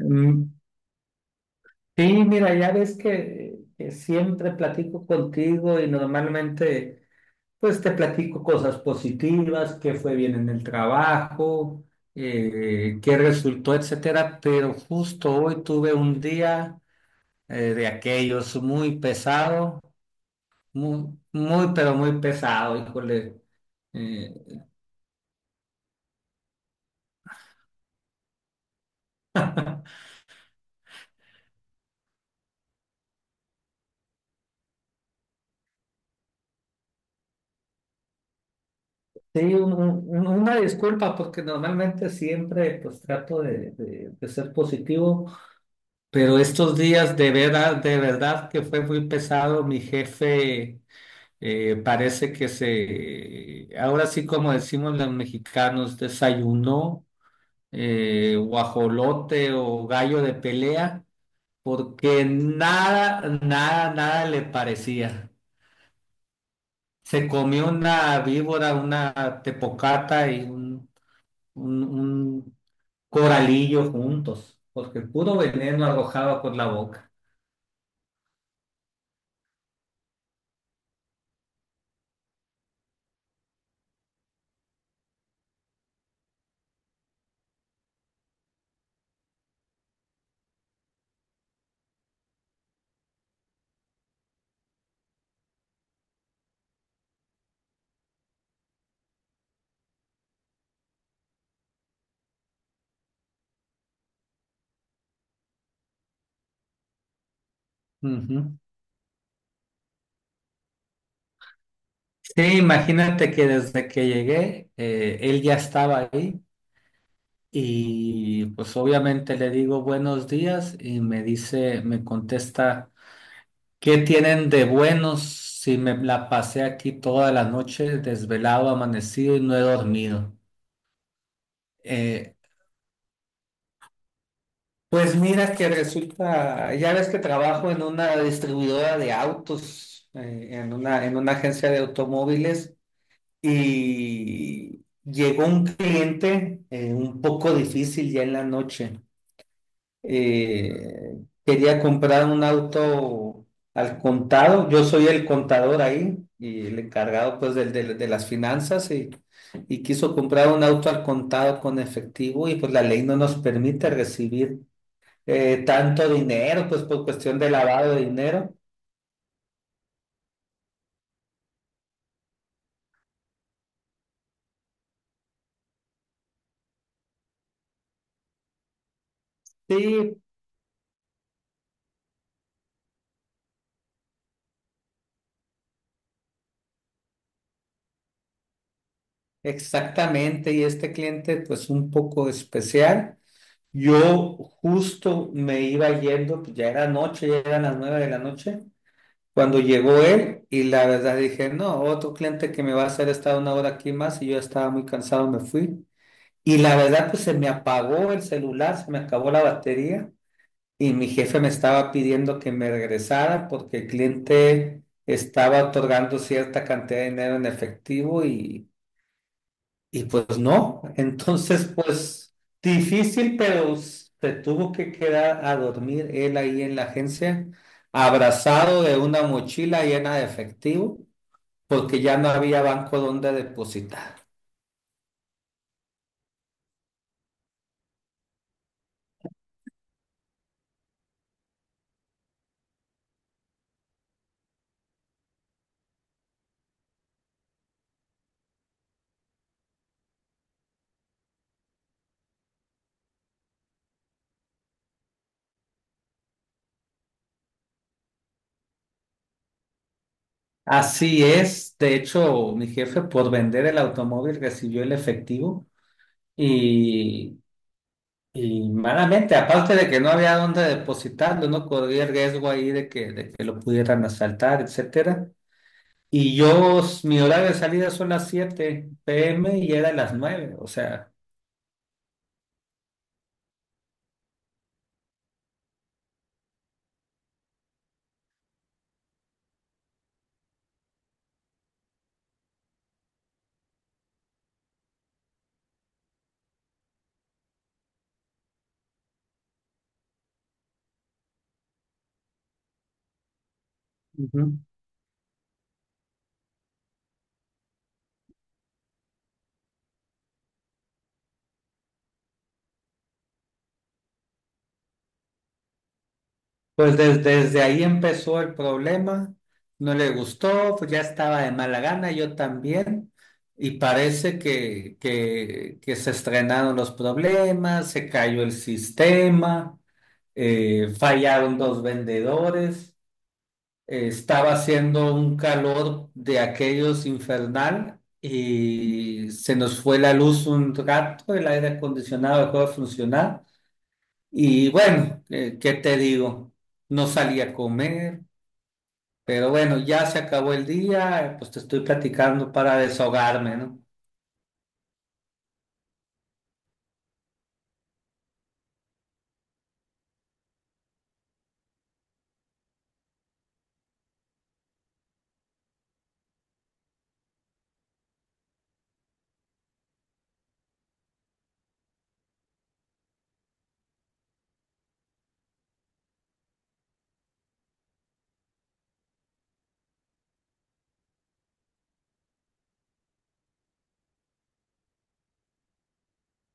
Mm, Sí, mira, ya ves que siempre platico contigo y normalmente pues te platico cosas positivas, qué fue bien en el trabajo, qué resultó, etcétera, pero justo hoy tuve un día de aquellos muy pesado, muy, muy, pero muy pesado, híjole. Eh, sí, una disculpa porque normalmente siempre pues trato de ser positivo. Pero estos días de verdad que fue muy pesado. Mi jefe parece que ahora sí, como decimos los mexicanos, desayunó guajolote o gallo de pelea, porque nada, nada, nada le parecía. Se comió una víbora, una tepocata y un coralillo juntos, porque puro veneno arrojaba por la boca. Ujú. Sí, imagínate que desde que llegué, él ya estaba ahí y pues obviamente le digo buenos días y me dice, me contesta, ¿qué tienen de buenos si me la pasé aquí toda la noche desvelado, amanecido y no he dormido? Eh, pues mira que resulta, ya ves que trabajo en una distribuidora de autos, en una agencia de automóviles. Y llegó un cliente un poco difícil ya en la noche. Eh, quería comprar un auto al contado. Yo soy el contador ahí y el encargado pues de las finanzas y quiso comprar un auto al contado con efectivo y pues la ley no nos permite recibir tanto dinero pues por cuestión de lavado de dinero. Sí, exactamente. Y este cliente pues un poco especial. Yo justo me iba yendo, pues ya era noche, ya eran las 9 de la noche, cuando llegó él y la verdad dije, no, otro cliente que me va a hacer estar una hora aquí más y yo estaba muy cansado, me fui. Y la verdad, pues se me apagó el celular, se me acabó la batería y mi jefe me estaba pidiendo que me regresara porque el cliente estaba otorgando cierta cantidad de dinero en efectivo y pues no, entonces pues difícil, pero se tuvo que quedar a dormir él ahí en la agencia, abrazado de una mochila llena de efectivo, porque ya no había banco donde depositar. Así es, de hecho, mi jefe por vender el automóvil recibió el efectivo y, y malamente, aparte de que no había donde depositarlo, no corría el riesgo ahí de que lo pudieran asaltar, etcétera. Y yo, mi horario de salida son las 7 p.m. y era las 9, o sea... Ujú. Pues desde ahí empezó el problema. No le gustó, pues ya estaba de mala gana, yo también. Y parece que se estrenaron los problemas, se cayó el sistema, fallaron dos vendedores. Estaba haciendo un calor de aquellos infernal y se nos fue la luz un rato, el aire acondicionado dejó de funcionar y bueno, ¿qué te digo? No salí a comer, pero bueno, ya se acabó el día, pues te estoy platicando para desahogarme, ¿no?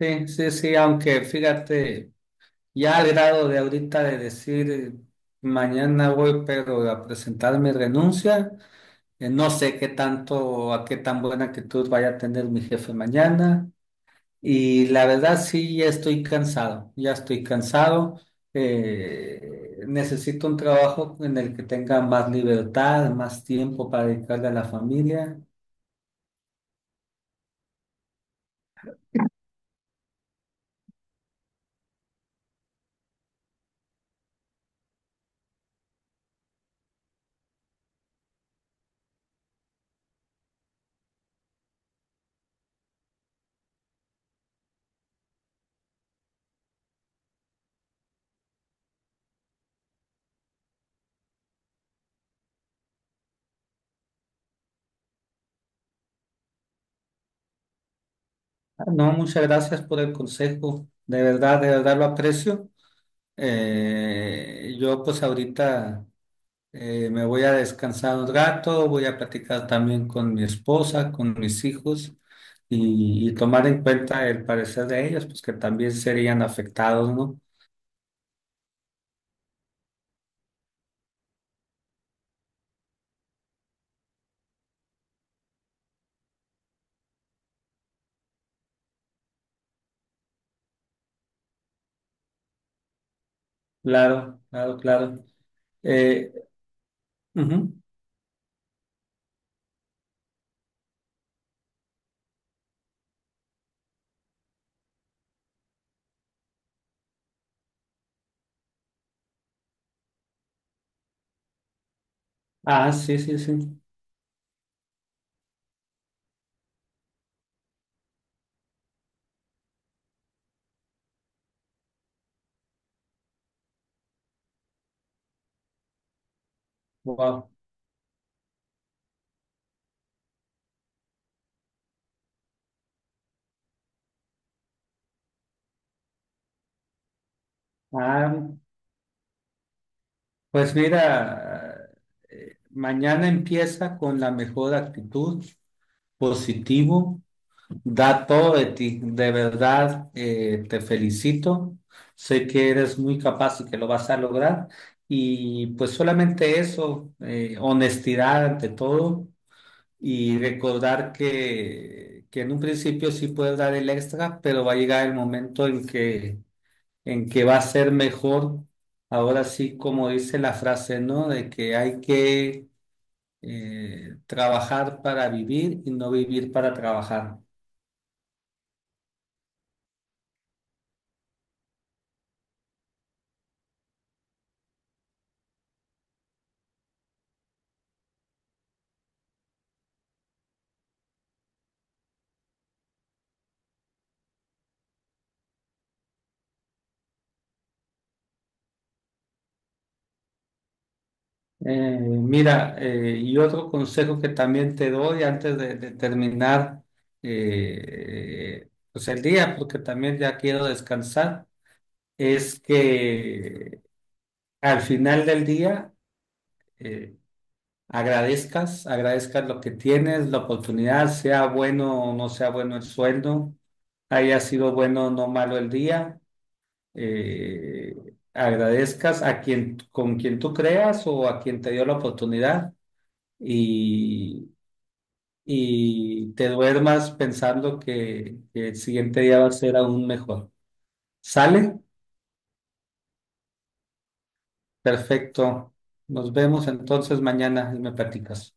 Sí, sí, sí, aunque fíjate, ya al grado de ahorita de decir, mañana voy, pero a presentar mi renuncia. No sé qué tanto, a qué tan buena actitud vaya a tener mi jefe mañana. Y la verdad sí, ya estoy cansado, ya estoy cansado. Necesito un trabajo en el que tenga más libertad, más tiempo para dedicarle a la familia. Ah, no, muchas gracias por el consejo. De verdad lo aprecio. Yo pues ahorita. Me voy a descansar un rato, voy a platicar también con mi esposa, con mis hijos y tomar en cuenta el parecer de ellos, pues que también serían afectados, ¿no? Claro, claro, claro. Eh, ujú. Ah, sí, sí, sí. Wow. Ah, pues mira, mañana empieza con la mejor actitud, positivo. Da todo de ti, de verdad, te felicito. Sé que eres muy capaz y que lo vas a lograr. Y pues solamente eso, honestidad ante todo y recordar que en un principio sí puedes dar el extra, pero va a llegar el momento en que va a ser mejor. Ahora sí, como dice la frase, ¿no? De que hay que trabajar para vivir y no vivir para trabajar. Mira, y otro consejo que también te doy antes de terminar, pues el día, porque también ya quiero descansar, es que al final del día eh, agradezcas, agradezcas lo que tienes, la oportunidad, sea bueno o no sea bueno el sueldo, haya sido bueno o no malo el día, eh, agradezcas a quien, con quien tú creas o a quien te dio la oportunidad y y te duermas pensando que el siguiente día va a ser aún mejor. ¿Sale? Perfecto. Nos vemos entonces mañana y me platicas.